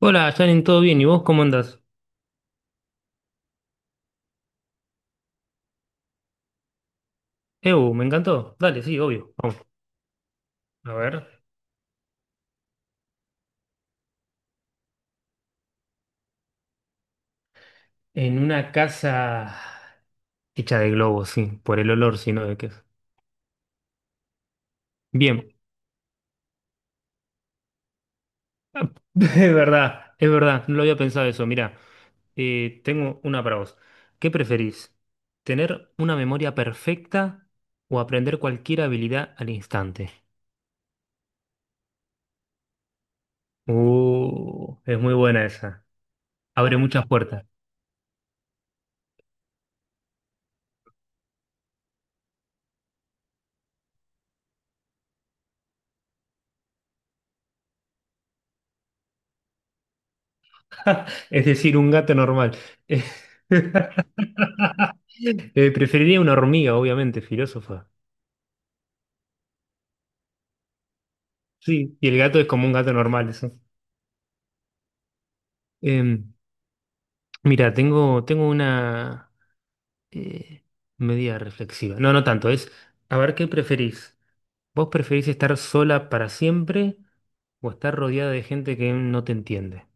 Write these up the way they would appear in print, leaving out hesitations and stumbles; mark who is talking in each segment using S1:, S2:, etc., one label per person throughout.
S1: Hola, Janin, ¿todo bien? ¿Y vos cómo andás? Ew, me encantó. Dale, sí, obvio. Vamos. A ver. En una casa hecha de globos, sí, por el olor, sino de qué es. Bien. Ah, es verdad, no lo había pensado eso. Mirá, tengo una para vos. ¿Qué preferís? ¿Tener una memoria perfecta o aprender cualquier habilidad al instante? Es muy buena esa. Abre muchas puertas. Es decir, un gato normal. Eh, preferiría una hormiga, obviamente, filósofa. Sí, y el gato es como un gato normal, eso. Eh, mira, tengo una eh, medida reflexiva. No, no tanto, es, a ver, ¿qué preferís? ¿Vos preferís estar sola para siempre o estar rodeada de gente que no te entiende?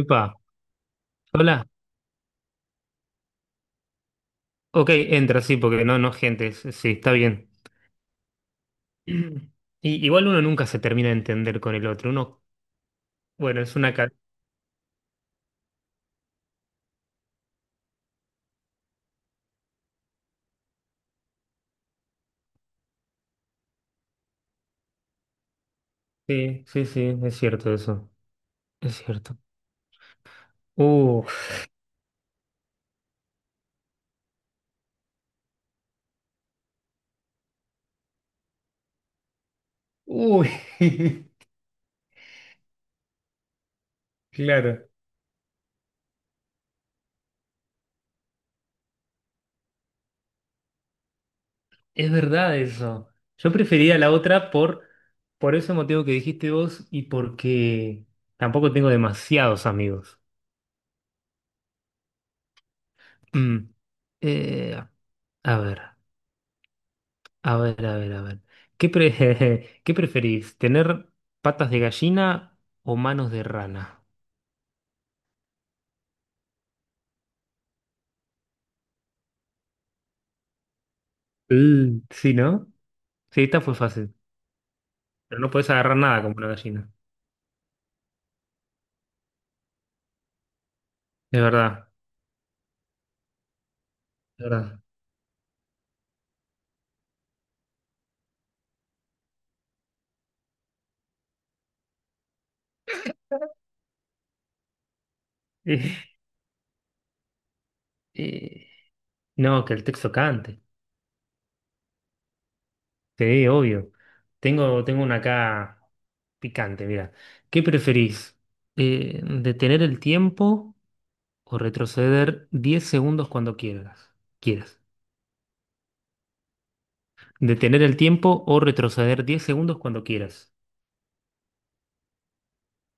S1: Epa, sola. Ok, entra, sí, porque no, no, gente, es- sí, está bien. Y, igual uno nunca se termina de entender con el otro, uno. Bueno, es una cadena. Sí, sí, sí, es cierto eso. Es cierto. Uf, uy, claro. Es verdad eso. Yo prefería la otra por ese motivo que dijiste vos y porque tampoco tengo demasiados amigos. Mm. Eh, a ver, a ver, a ver, a ver. ¿Qué pre- ¿qué preferís? ¿Tener patas de gallina o manos de rana? Mm, sí, ¿no? Sí, esta fue fácil. Pero no podés agarrar nada como una gallina. Es verdad. ¿Verdad? Eh, eh, no, que el texto cante. Sí, obvio. Tengo una acá picante, mira. ¿Qué preferís? ¿Detener el tiempo o retroceder 10 segundos cuando quieras? Quieras. ¿Detener el tiempo o retroceder 10 segundos cuando quieras?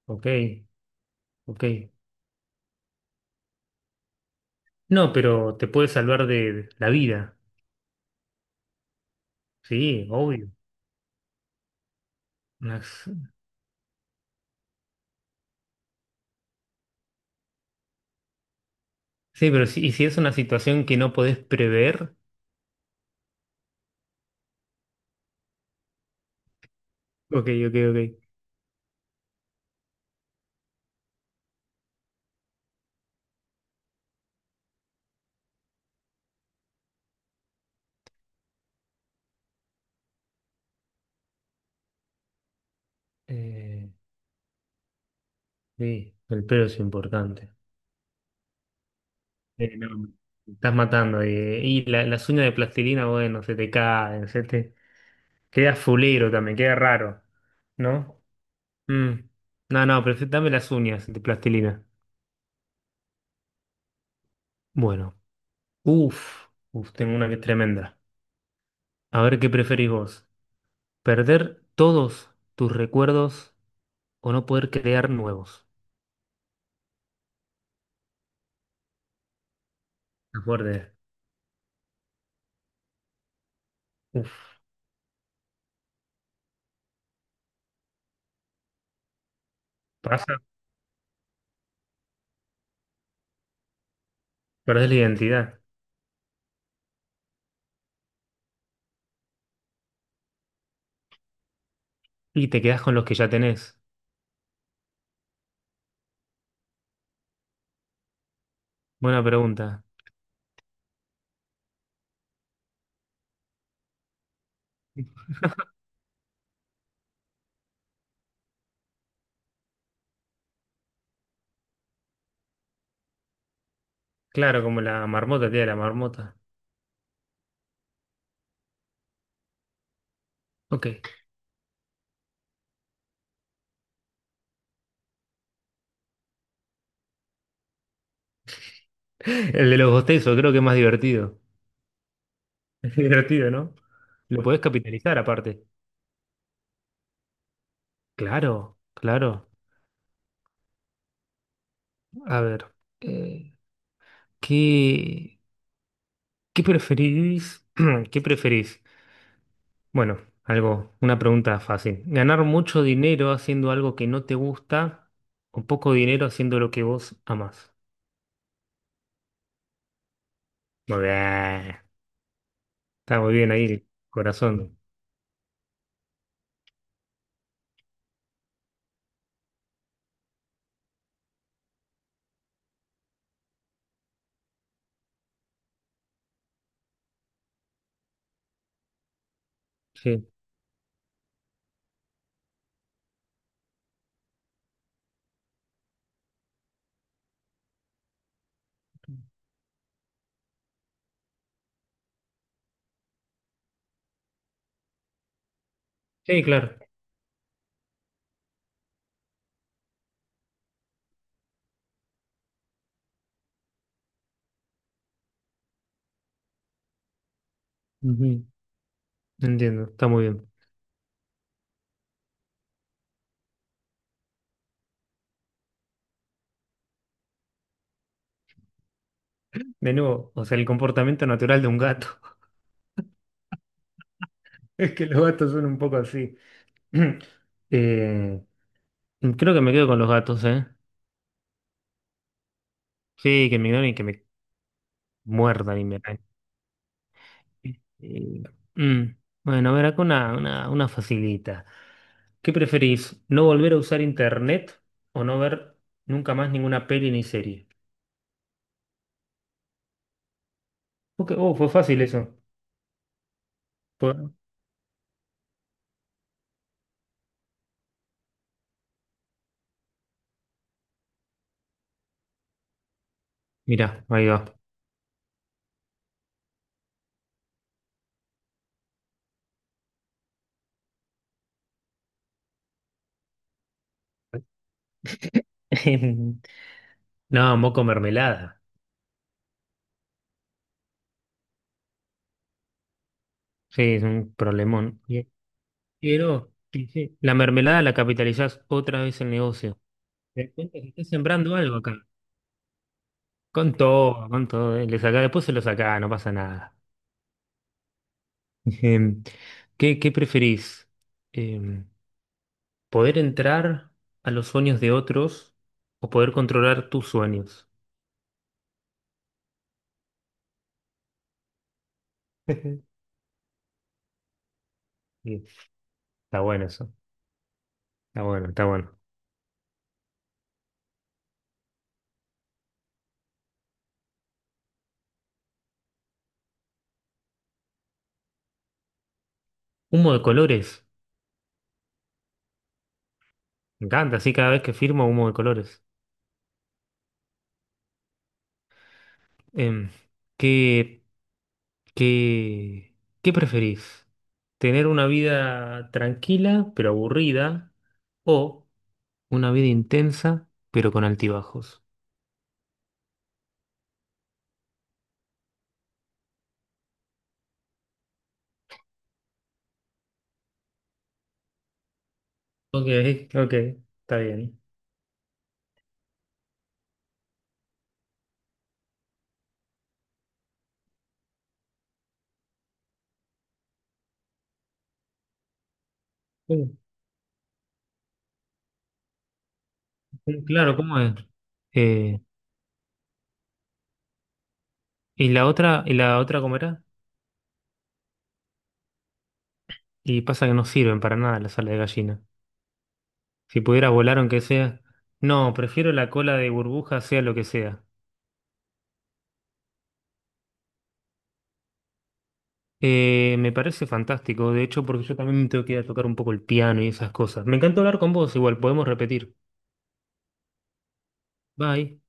S1: Ok, ok. No, pero te puede salvar de la vida. Sí, obvio. Una- s- sí, pero si, ¿y si es una situación que no podés prever? Ok, ok, ok. Eh, sí, el pelo es importante. No, me estás matando. Y la- las uñas de plastilina, bueno, se te caen, se te... Queda fulero también, queda raro, ¿no? Mm. No, no, prefi- dame las uñas de plastilina. Bueno, uff, uf, tengo una que es tremenda. A ver qué preferís vos. ¿Perder todos tus recuerdos o no poder crear nuevos? Qué fuerte. Uf, pasa, perdés la identidad y te quedás con los que ya tenés. Buena pregunta. Claro, como la marmota, tía, la marmota. Ok. El de los bostezos, creo que es más divertido. Es divertido, ¿no? Lo podés capitalizar aparte. Claro, claro. A ver, eh, ¿qué, qué preferís? ¿Qué preferís? Bueno, algo, una pregunta fácil. ¿Ganar mucho dinero haciendo algo que no te gusta o poco dinero haciendo lo que vos amás? Muy bien. Está muy bien ahí el corazón. Sí, sí, claro. Ujú. Entiendo, está muy bien. De nuevo, o sea, el comportamiento natural de un gato. Es que los gatos son un poco así. Eh, creo que me quedo con los gatos, ¿eh? Sí, que me ignoren y que me muerdan y me arañen. Eh, mm. Bueno, a ver, acá una facilita. ¿Qué preferís? ¿No volver a usar internet o no ver nunca más ninguna peli ni serie? Ok, oh, fue fácil eso. Fue- mirá, ahí va. No, moco mermelada. Sí, es un problemón. Quiero, dice, la mermelada la capitalizás otra vez el negocio. Te das cuenta que estás sembrando algo acá. Con todo, con todo. Le sacá, después se lo sacá, no pasa nada. Em, ¿Qué preferís? Em, ¿Poder entrar a los sueños de otros o poder controlar tus sueños? Sí, está bueno eso. Está bueno, está bueno. Humo de colores. Me encanta, así cada vez que firmo humo de colores. Em, ¿qué, ¿Qué, qué preferís? ¿Tener una vida tranquila pero aburrida o una vida intensa pero con altibajos? Ok, ok, está bien. Sí, sí, claro, ¿cómo es? Eh, y la otra cómo era? Y pasa que no sirven para nada la sala de gallina. Si pudiera volar aunque sea... No, prefiero la cola de burbuja, sea lo que sea. Me parece fantástico, de hecho, porque yo también me tengo que ir a tocar un poco el piano y esas cosas. Me encanta hablar con vos, igual podemos repetir. Bye.